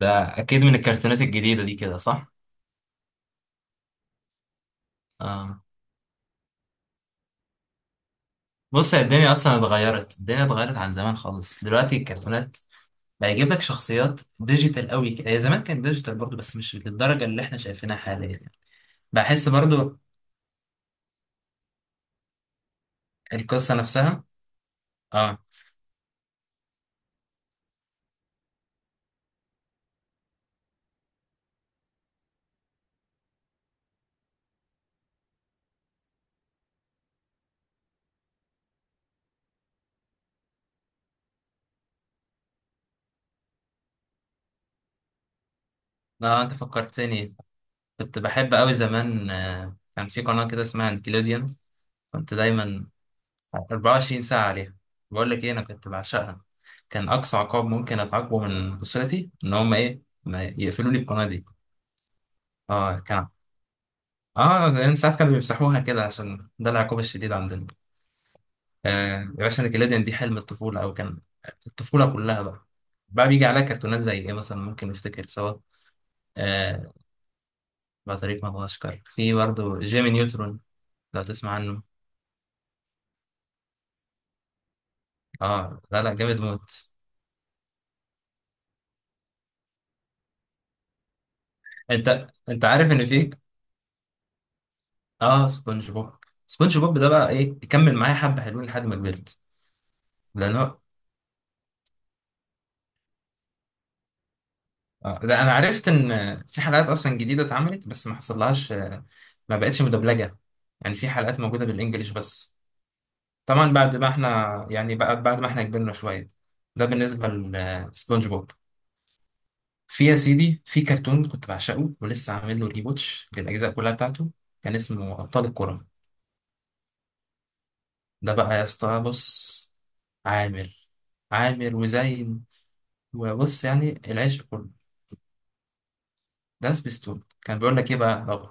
ده اكيد من الكرتونات الجديده دي كده صح. اه، بص، يا الدنيا اصلا اتغيرت، الدنيا اتغيرت عن زمان خالص. دلوقتي الكرتونات بقى يجيب لك شخصيات ديجيتال قوي كده، هي زمان كان ديجيتال برضو بس مش للدرجه اللي احنا شايفينها حاليا. بحس برضو القصه نفسها. اه اه، انت فكرتني، كنت بحب قوي زمان كان في قناه كده اسمها نيكلوديان، كنت دايما 24 ساعه عليها. بقول لك ايه، انا كنت بعشقها. كان اقصى عقاب ممكن اتعاقبه من اسرتي ان هم ايه، ما يقفلوا لي القناه دي. اه، كان اه زمان ساعات كانوا بيمسحوها كده عشان ده العقاب الشديد عندنا. آه يا باشا، نيكليديان دي حلم الطفولة، او كان الطفولة كلها بقى. بقى بيجي عليها كرتونات زي ايه مثلا، ممكن نفتكر سوا؟ آه، بطريق مدغشقر، في برضه جيمي نيوترون، لو تسمع عنه. اه لا لا، جامد موت. انت عارف ان في. اه، سبونج بوب، سبونج بوب ده بقى ايه، يكمل معايا حبة حلوين لحد ما كبرت. لان هو اه ده انا عرفت ان في حلقات اصلا جديده اتعملت، بس ما حصلهاش. ما بقتش مدبلجه يعني، في حلقات موجوده بالانجليش بس، طبعا بعد ما احنا يعني بعد ما احنا كبرنا شويه. ده بالنسبه لسبونج بوب. يا سيدي، في كرتون كنت بعشقه ولسه عامل له ريبوتش للاجزاء كلها بتاعته، كان اسمه ابطال الكره. ده بقى يا اسطى بص، عامر عامر وزين. وبص يعني العشق كله، ده سبيستون، كان بيقول لك ايه بقى لو.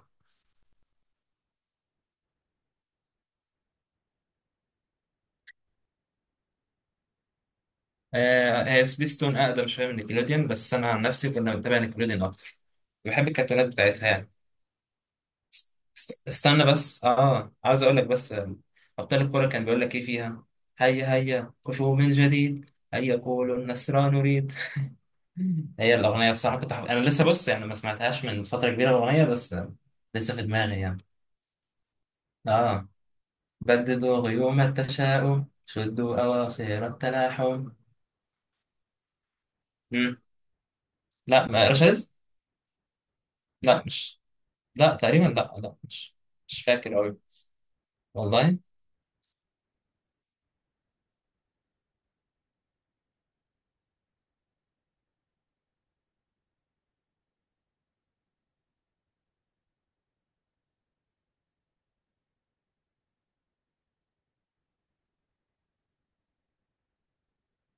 آه، هي سبيستون اقدم شويه من نيكلوديان، بس انا عن نفسي كنا بنتابع نيكلوديان اكتر، بحب الكرتونات بتاعتها يعني. استنى بس، اه، عاوز اقول لك بس. ابطال الكوره كان بيقول لك ايه فيها؟ هيا هيا كفوا من جديد، هيا قولوا النصر نريد. هي الاغنيه بصراحه كنت حب... انا لسه بص يعني ما سمعتهاش من فتره كبيره الاغنيه بس، لسه في دماغي يعني. اه، بددوا غيوم التشاؤم، شدوا اواصر التلاحم. مم. لا، رشاز. لا مش. لا، تقريبا، لا لا، مش. مش فاكر قوي. والله.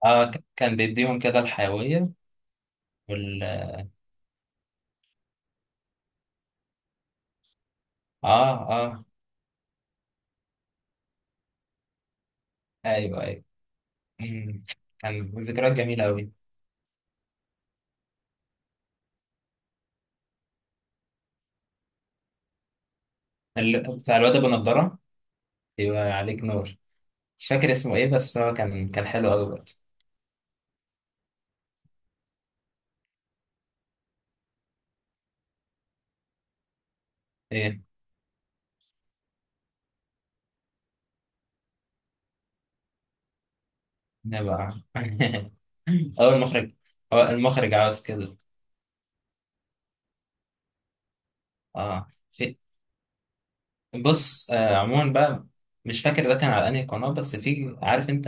اه، كان بيديهم كده الحيوية. وال اه اه، ايوه ايوه. أمم، كان ذكريات جميلة قوي. بتاع الواد ابو نضارة، يبقى عليك نور. مش فاكر اسمه ايه، بس هو كان حلو قوي برضه. ايه، نبقى هو المخرج. هو المخرج عاوز كده. اه، في. بص، عموما بقى مش فاكر ده كان على انهي قناة، بس في، عارف انت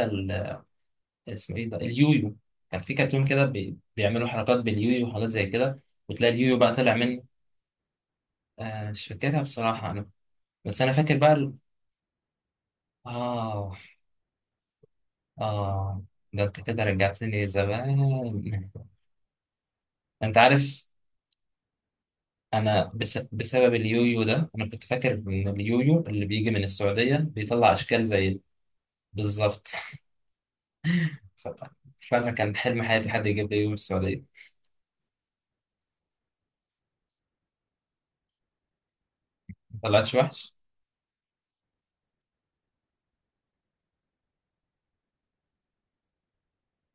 اسمه ايه، ده اليويو، كان في كرتون كده بيعملوا حركات باليويو وحاجات زي كده، وتلاقي اليويو بقى طلع منه. آه، مش فاكرها بصراحة أنا. بس أنا فاكر بقى آه آه، ده أنت كده رجعتني زمان. أنت عارف، بسبب اليويو ده، أنا كنت فاكر إن اليويو اللي بيجي من السعودية بيطلع أشكال زي. بالظبط. ف- فعلا كان حلم حياتي حد يجيب لي يويو من السعودية، ما طلعتش وحش.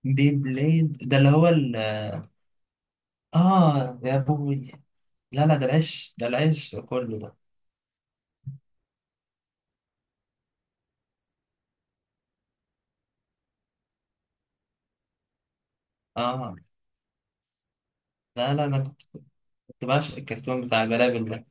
بي بليد، ده اللي هو آه يا أبوي. لا لا، ده العيش، ده العيش كله ده. اه لا لا، انا كنت بعشق الكرتون بتاع البلابل ده.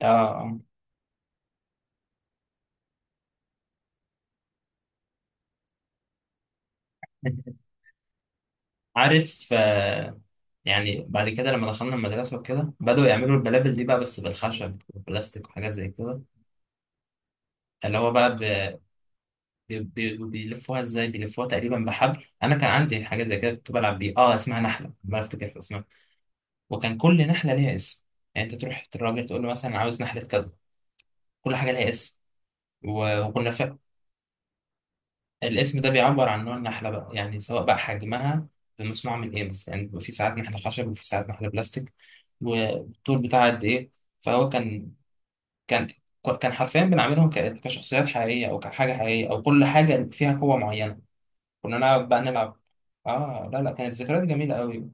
اه، آه. عارف، آه. يعني بعد كده لما دخلنا المدرسة وكده، بدأوا يعملوا البلابل دي بقى بس بالخشب والبلاستيك وحاجات زي كده. اللي هو بقى بيلفوها ازاي، بيلفوها تقريبا بحبل. انا كان عندي حاجة زي كده، كنت بلعب بيه، اسمها نحلة، ما افتكر اسمها. وكان كل نحلة ليها اسم، يعني انت تروح الراجل تقول له مثلا عاوز نحلة كذا، كل حاجة ليها اسم. وكنا الاسم ده بيعبر عن نوع النحلة بقى، يعني سواء بقى حجمها، مصنوعة من ايه. بس يعني بيبقى في ساعات نحلة خشب وفي ساعات نحلة بلاستيك، والطول بتاعها قد ايه. فهو كان كان كان حرفيا بنعملهم كشخصيات حقيقية، أو كحاجة حقيقية، أو كل حاجة فيها قوة معينة. كنا نلعب بقى نلعب. اه لا لا، كانت ذكريات جميلة قوي.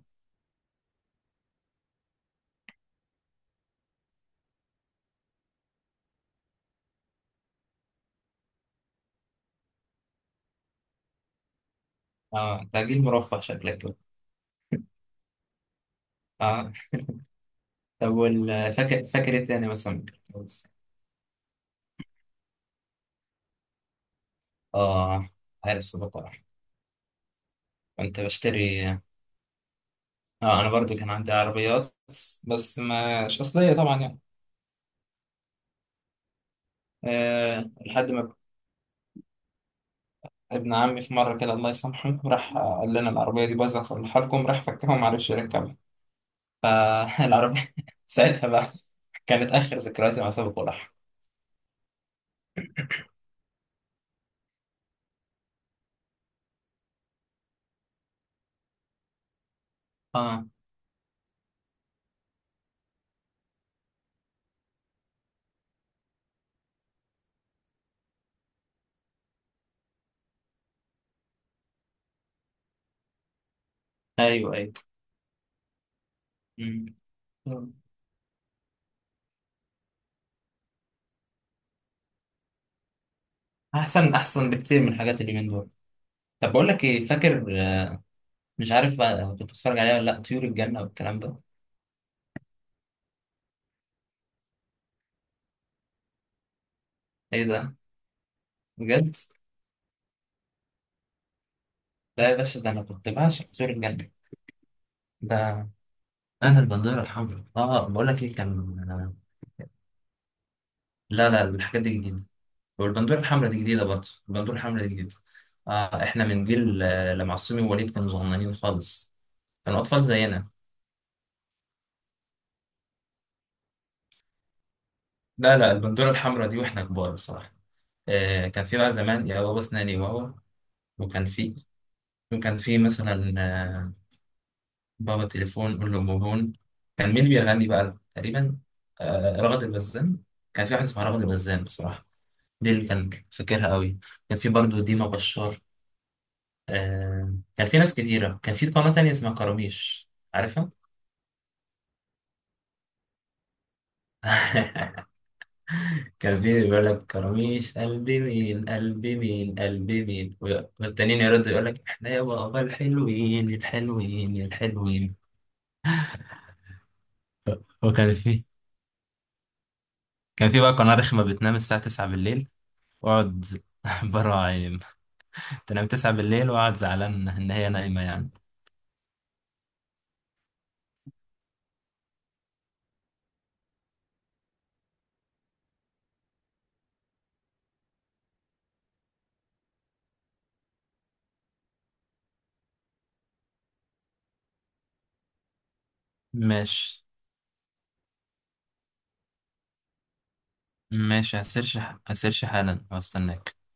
اه، ده جيل مرفه شكلك كده. اه، طب فاكر ايه تاني مثلا؟ اه، عارف سباق واحد، كنت بشتري. اه، انا برضو كان عندي عربيات، بس مش اصليه طبعا يعني. أه، لحد ما ابن عمي في مره كده، الله يسامحه، راح قال لنا العربيه دي بايظه، اصلحها لكم. راح فكها وما عرفش يركبها، فالعربيه ساعتها بقى كانت اخر ذكرياتي مع سابق ولاحق. اه، ايوه ايوه. مم. احسن احسن بكتير من حاجات اليومين دول. طب بقول لك ايه، فاكر، مش عارف بقى كنت بتتفرج عليها ولا لا، طيور الجنه والكلام ده؟ ايه ده، بجد؟ لا يا باشا، ده انا كنت بعشق طيور الجنه. ده انا البندوره الحمراء، اه بقول لك ايه كان. لا لا، الحاجات دي جديده، والبندوره الحمراء دي جديده برضه، البندوره الحمراء دي جديده. آه، احنا من جيل، لما عصومي ووليد كانوا صغننين خالص، كانوا اطفال زينا. لا لا، البندوره الحمراء دي واحنا كبار بصراحه. آه، كان في بقى زمان يا بابا اسناني بابا، وكان في، وكان في مثلا، بابا تليفون قول له مهون. كان مين اللي بيغني بقى تقريبا؟ آه، رغد البزان. كان في واحد اسمها رغد البزان بصراحه، دي اللي كان فاكرها قوي. كان في برضو ديما بشار. آه، كان في ناس كتيرة. كان في قناة تانية اسمها كراميش، عارفها؟ كان في بيقول لك كراميش قلبي مين قلبي مين قلبي مين، والتانيين يردوا يقول لك احنا يا بابا الحلوين الحلوين الحلوين. وكان في، كان في بقى قناة رخمة بتنام الساعة 9 بالليل، واقعد برا عايم، تنام 9 بالليل واقعد زعلان ان هي نايمة يعني. ماشي، ماشي، هسيرش، هسيرش حالا واستناك.